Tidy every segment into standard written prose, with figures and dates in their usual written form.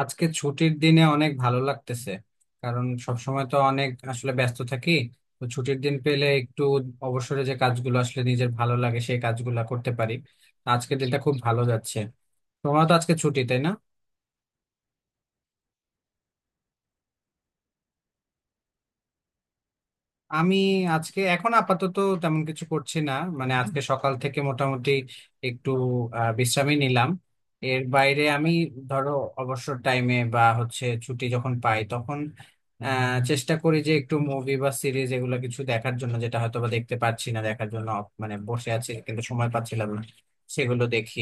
আজকে ছুটির দিনে অনেক ভালো লাগতেছে। কারণ সবসময় তো অনেক আসলে ব্যস্ত থাকি। তো ছুটির দিন পেলে একটু অবসরে যে কাজগুলো আসলে নিজের ভালো লাগে সেই কাজগুলো করতে পারি। আজকের দিনটা খুব ভালো যাচ্ছে। তোমার তো আজকে ছুটি, তাই না? আমি আজকে এখন আপাতত তেমন কিছু করছি না। মানে আজকে সকাল থেকে মোটামুটি একটু বিশ্রামই নিলাম। এর বাইরে আমি ধরো অবসর টাইমে বা হচ্ছে ছুটি যখন পাই তখন চেষ্টা করি যে একটু মুভি বা সিরিজ এগুলো কিছু দেখার জন্য, যেটা হয়তো বা দেখতে পাচ্ছি না, দেখার জন্য। মানে বসে আছি কিন্তু সময় পাচ্ছিলাম না, সেগুলো দেখি।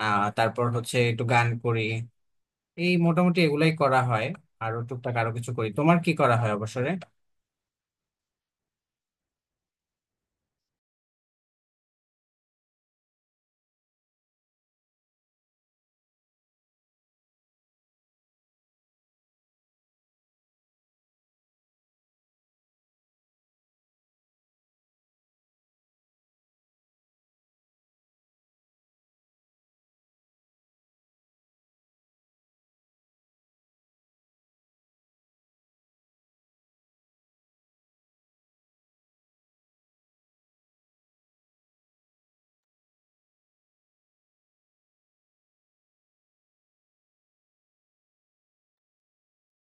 তারপর হচ্ছে একটু গান করি। এই মোটামুটি এগুলাই করা হয়। আরো টুকটাক আরো কিছু করি। তোমার কি করা হয় অবসরে?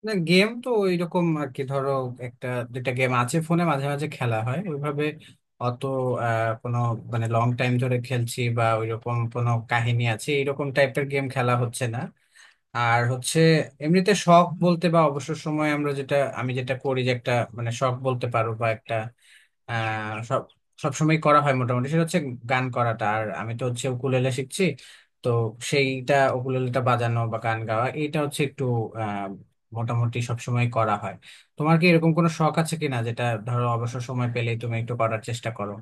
না, গেম তো ওইরকম আর কি, ধরো একটা দুইটা গেম আছে ফোনে, মাঝে মাঝে খেলা হয় ওইভাবে। অত কোনো মানে লং টাইম ধরে খেলছি বা ওইরকম কোনো কাহিনী আছে এইরকম টাইপের গেম খেলা হচ্ছে না। আর হচ্ছে এমনিতে শখ বলতে বা অবসর সময় আমরা যেটা আমি যেটা করি যে একটা মানে শখ বলতে পারো বা একটা আহ সব সবসময় করা হয় মোটামুটি, সেটা হচ্ছে গান করাটা। আর আমি তো হচ্ছে উকুলেলে শিখছি। তো সেইটা উকুলেলেটা বাজানো বা গান গাওয়া, এটা হচ্ছে একটু আহ মোটামুটি সবসময় করা হয়। তোমার কি এরকম কোনো শখ আছে কিনা, যেটা ধরো অবসর সময় পেলেই তুমি একটু করার চেষ্টা করো?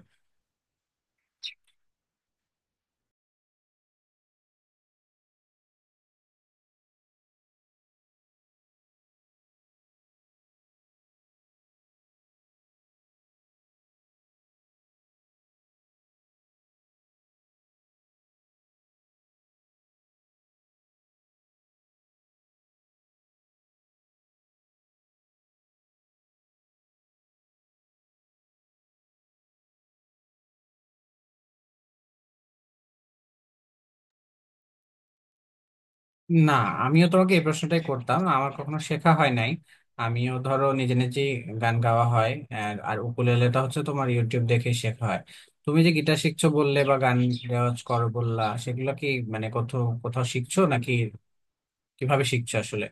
না, আমিও তোমাকে এই প্রশ্নটাই করতাম। আমার কখনো শেখা হয় নাই। আমিও ধরো নিজে নিজে গান গাওয়া হয়। আর আর উকুলেলেটা হচ্ছে তোমার ইউটিউব দেখে শেখা হয়। তুমি যে গিটার শিখছো বললে বা গান রেওয়াজ করো বললা, সেগুলো কি মানে কোথাও কোথাও শিখছো নাকি কিভাবে শিখছো আসলে?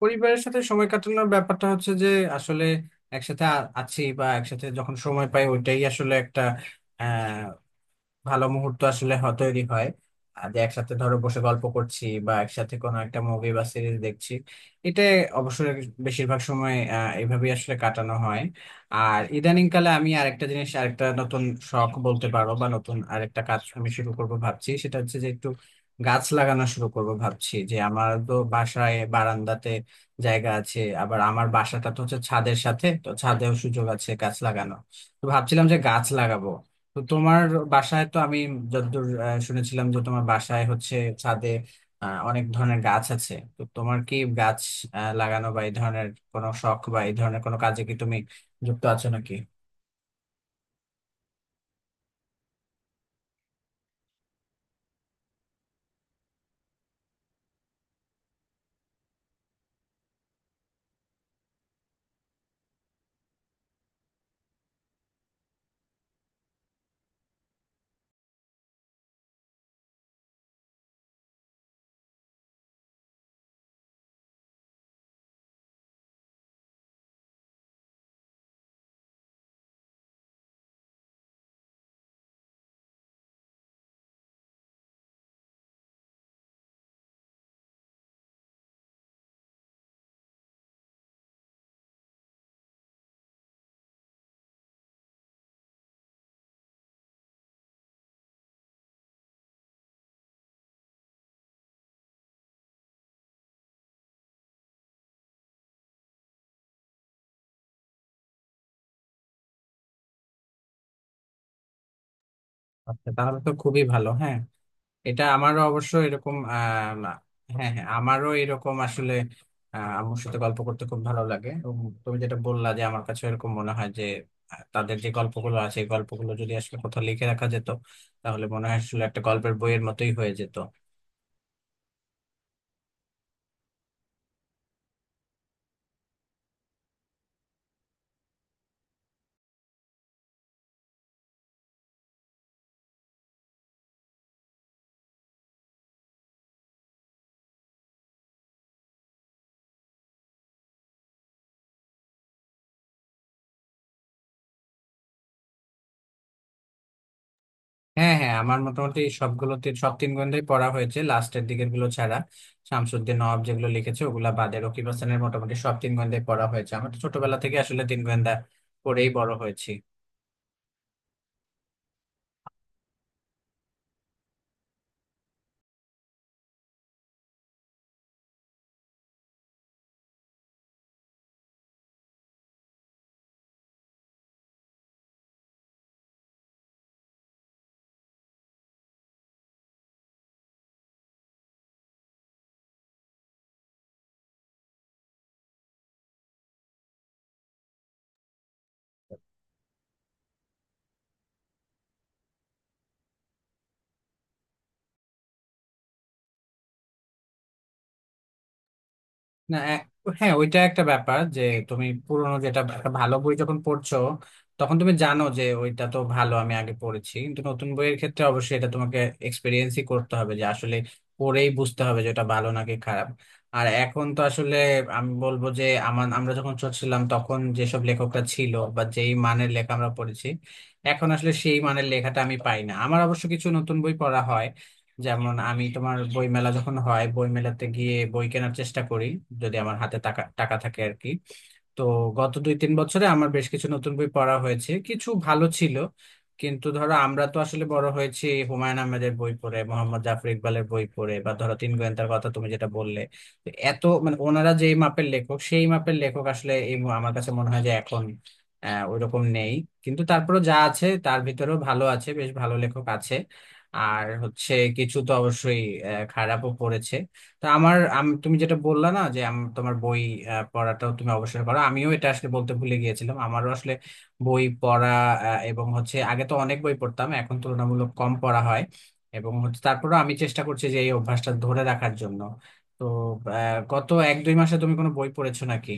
পরিবারের সাথে সময় কাটানোর ব্যাপারটা হচ্ছে যে আসলে একসাথে আছি বা একসাথে যখন সময় পাই, ওইটাই আসলে একটা ভালো মুহূর্ত আসলে তৈরি হয়। আর যে একসাথে ধরো বসে গল্প করছি বা একসাথে কোনো একটা মুভি বা সিরিজ দেখছি, এটা অবশ্যই বেশিরভাগ সময় এভাবেই আসলে কাটানো হয়। আর ইদানিং কালে আমি আরেকটা জিনিস, আরেকটা নতুন শখ বলতে পারো বা নতুন আরেকটা কাজ আমি শুরু করব ভাবছি। সেটা হচ্ছে যে একটু গাছ লাগানো শুরু করব ভাবছি, যে আমার তো বাসায় বারান্দাতে জায়গা আছে, আবার আমার বাসাটা তো হচ্ছে ছাদের সাথে, তো ছাদেও সুযোগ আছে গাছ লাগানো। তো ভাবছিলাম যে গাছ লাগাবো। তো তোমার বাসায় তো আমি যতদূর শুনেছিলাম, যে তোমার বাসায় হচ্ছে ছাদে অনেক ধরনের গাছ আছে। তো তোমার কি গাছ লাগানো বা এই ধরনের কোনো শখ বা এই ধরনের কোনো কাজে কি তুমি যুক্ত আছো নাকি? আচ্ছা, তাহলে তো খুবই ভালো। হ্যাঁ। এটা আমারও অবশ্য এরকম। হ্যাঁ, হ্যাঁ, আমারও এরকম আসলে আম্মুর সাথে গল্প করতে খুব ভালো লাগে। এবং তুমি যেটা বললা, যে আমার কাছে এরকম মনে হয় যে তাদের যে গল্পগুলো আছে, এই গল্পগুলো যদি আসলে কোথাও লিখে রাখা যেত, তাহলে মনে হয় আসলে একটা গল্পের বইয়ের মতোই হয়ে যেত। হ্যাঁ, হ্যাঁ, আমার মোটামুটি সবগুলোতে সব তিন গ্রন্থই পড়া হয়েছে, লাস্টের দিকের গুলো ছাড়া। শামসুদ্দিন নওয়াব যেগুলো লিখেছে ওগুলা বাদে রকিব হাসানের মোটামুটি সব তিন গ্রন্থই পড়া হয়েছে আমার। তো ছোটবেলা থেকে আসলে তিন গোয়েন্দা পড়েই বড় হয়েছি। না, হ্যাঁ, ওইটা একটা ব্যাপার যে তুমি পুরোনো যেটা একটা ভালো বই যখন পড়ছো তখন তুমি জানো যে ওইটা তো ভালো, আমি আগে পড়েছি। কিন্তু নতুন বইয়ের ক্ষেত্রে অবশ্যই এটা তোমাকে এক্সপিরিয়েন্সই করতে হবে, যে আসলে পড়েই বুঝতে হবে যে এটা ভালো নাকি খারাপ। আর এখন তো আসলে আমি বলবো যে আমার আমরা যখন ছোট ছিলাম তখন যেসব লেখকরা ছিল বা যেই মানের লেখা আমরা পড়েছি, এখন আসলে সেই মানের লেখাটা আমি পাই না। আমার অবশ্য কিছু নতুন বই পড়া হয়, যেমন আমি তোমার বই মেলা যখন হয় বই মেলাতে গিয়ে বই কেনার চেষ্টা করি, যদি আমার হাতে টাকা টাকা থাকে আর কি। তো গত দুই তিন বছরে আমার বেশ কিছু নতুন বই পড়া হয়েছে, কিছু ভালো ছিল। কিন্তু ধরো আমরা তো আসলে বড় হয়েছি হুমায়ুন আহমেদের বই পড়ে, মোহাম্মদ জাফর ইকবালের বই পড়ে বা ধরো তিন গোয়েন্দার কথা তুমি যেটা বললে। তো এত মানে ওনারা যেই মাপের লেখক সেই মাপের লেখক আসলে, এই আমার কাছে মনে হয় যে এখন ওইরকম নেই। কিন্তু তারপরে যা আছে তার ভিতরেও ভালো আছে, বেশ ভালো লেখক আছে। আর হচ্ছে কিছু তো অবশ্যই খারাপও পড়েছে। তা আমার তুমি যেটা বললা না যে তোমার বই পড়াটাও তুমি অবশ্যই করো। আমিও এটা আসলে বলতে ভুলে গিয়েছিলাম। আমারও আসলে বই পড়া, এবং হচ্ছে আগে তো অনেক বই পড়তাম, এখন তুলনামূলক কম পড়া হয়। এবং হচ্ছে তারপরেও আমি চেষ্টা করছি যে এই অভ্যাসটা ধরে রাখার জন্য। তো গত এক দুই মাসে তুমি কোনো বই পড়েছো নাকি?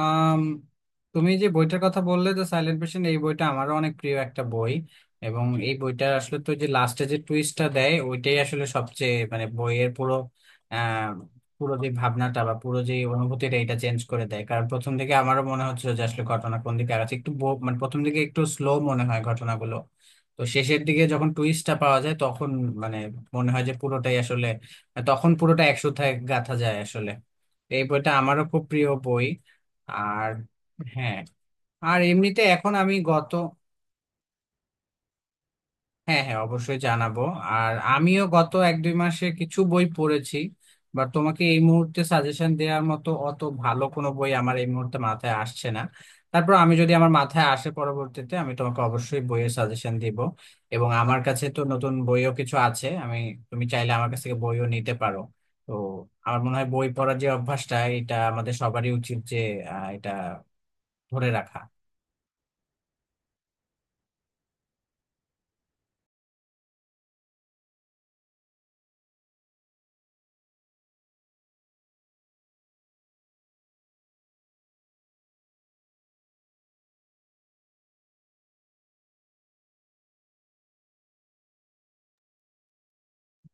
আম, তুমি যে বইটার কথা বললে, যে সাইলেন্ট পেশেন্ট, এই বইটা আমারও অনেক প্রিয় একটা বই। এবং এই বইটা আসলে তো যে লাস্টে যে টুইস্টটা দেয়, ওইটাই আসলে সবচেয়ে মানে বইয়ের পুরো আহ পুরো যে ভাবনাটা বা পুরো যে অনুভূতিটা এটা চেঞ্জ করে দেয়। কারণ প্রথম দিকে আমারও মনে হচ্ছিল যে আসলে ঘটনা কোন দিকে আগাচ্ছে, একটু মানে প্রথম দিকে একটু স্লো মনে হয় ঘটনাগুলো। তো শেষের দিকে যখন টুইস্টটা পাওয়া যায়, তখন মানে মনে হয় যে পুরোটাই আসলে, তখন পুরোটা একসূত্রে গাঁথা যায় আসলে। তো এই বইটা আমারও খুব প্রিয় বই। আর, হ্যাঁ। আর এমনিতে এখন আমি গত। হ্যাঁ, হ্যাঁ, অবশ্যই জানাবো। আর আমিও গত এক দুই মাসে কিছু বই পড়েছি, বা তোমাকে এই মুহূর্তে সাজেশন দেওয়ার মতো অত ভালো কোনো বই আমার এই মুহূর্তে মাথায় আসছে না। তারপর আমি যদি আমার মাথায় আসে পরবর্তীতে আমি তোমাকে অবশ্যই বইয়ের সাজেশন দিব। এবং আমার কাছে তো নতুন বইও কিছু আছে, আমি, তুমি চাইলে আমার কাছ থেকে বইও নিতে পারো। তো আমার মনে হয় বই পড়ার যে অভ্যাসটা এটা আমাদের সবারই উচিত যে এটা ধরে রাখা।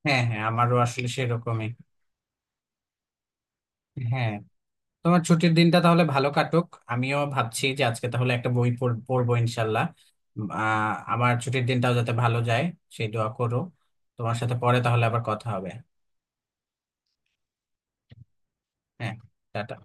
হ্যাঁ, হ্যাঁ, আমারও আসলে সেরকমই। হ্যাঁ। তোমার ছুটির দিনটা তাহলে ভালো কাটুক। আমিও ভাবছি যে আজকে তাহলে একটা বই পড়বো ইনশাল্লাহ। আমার ছুটির দিনটাও যাতে ভালো যায় সেই দোয়া করো। তোমার সাথে পরে তাহলে আবার কথা হবে। হ্যাঁ, টাটা।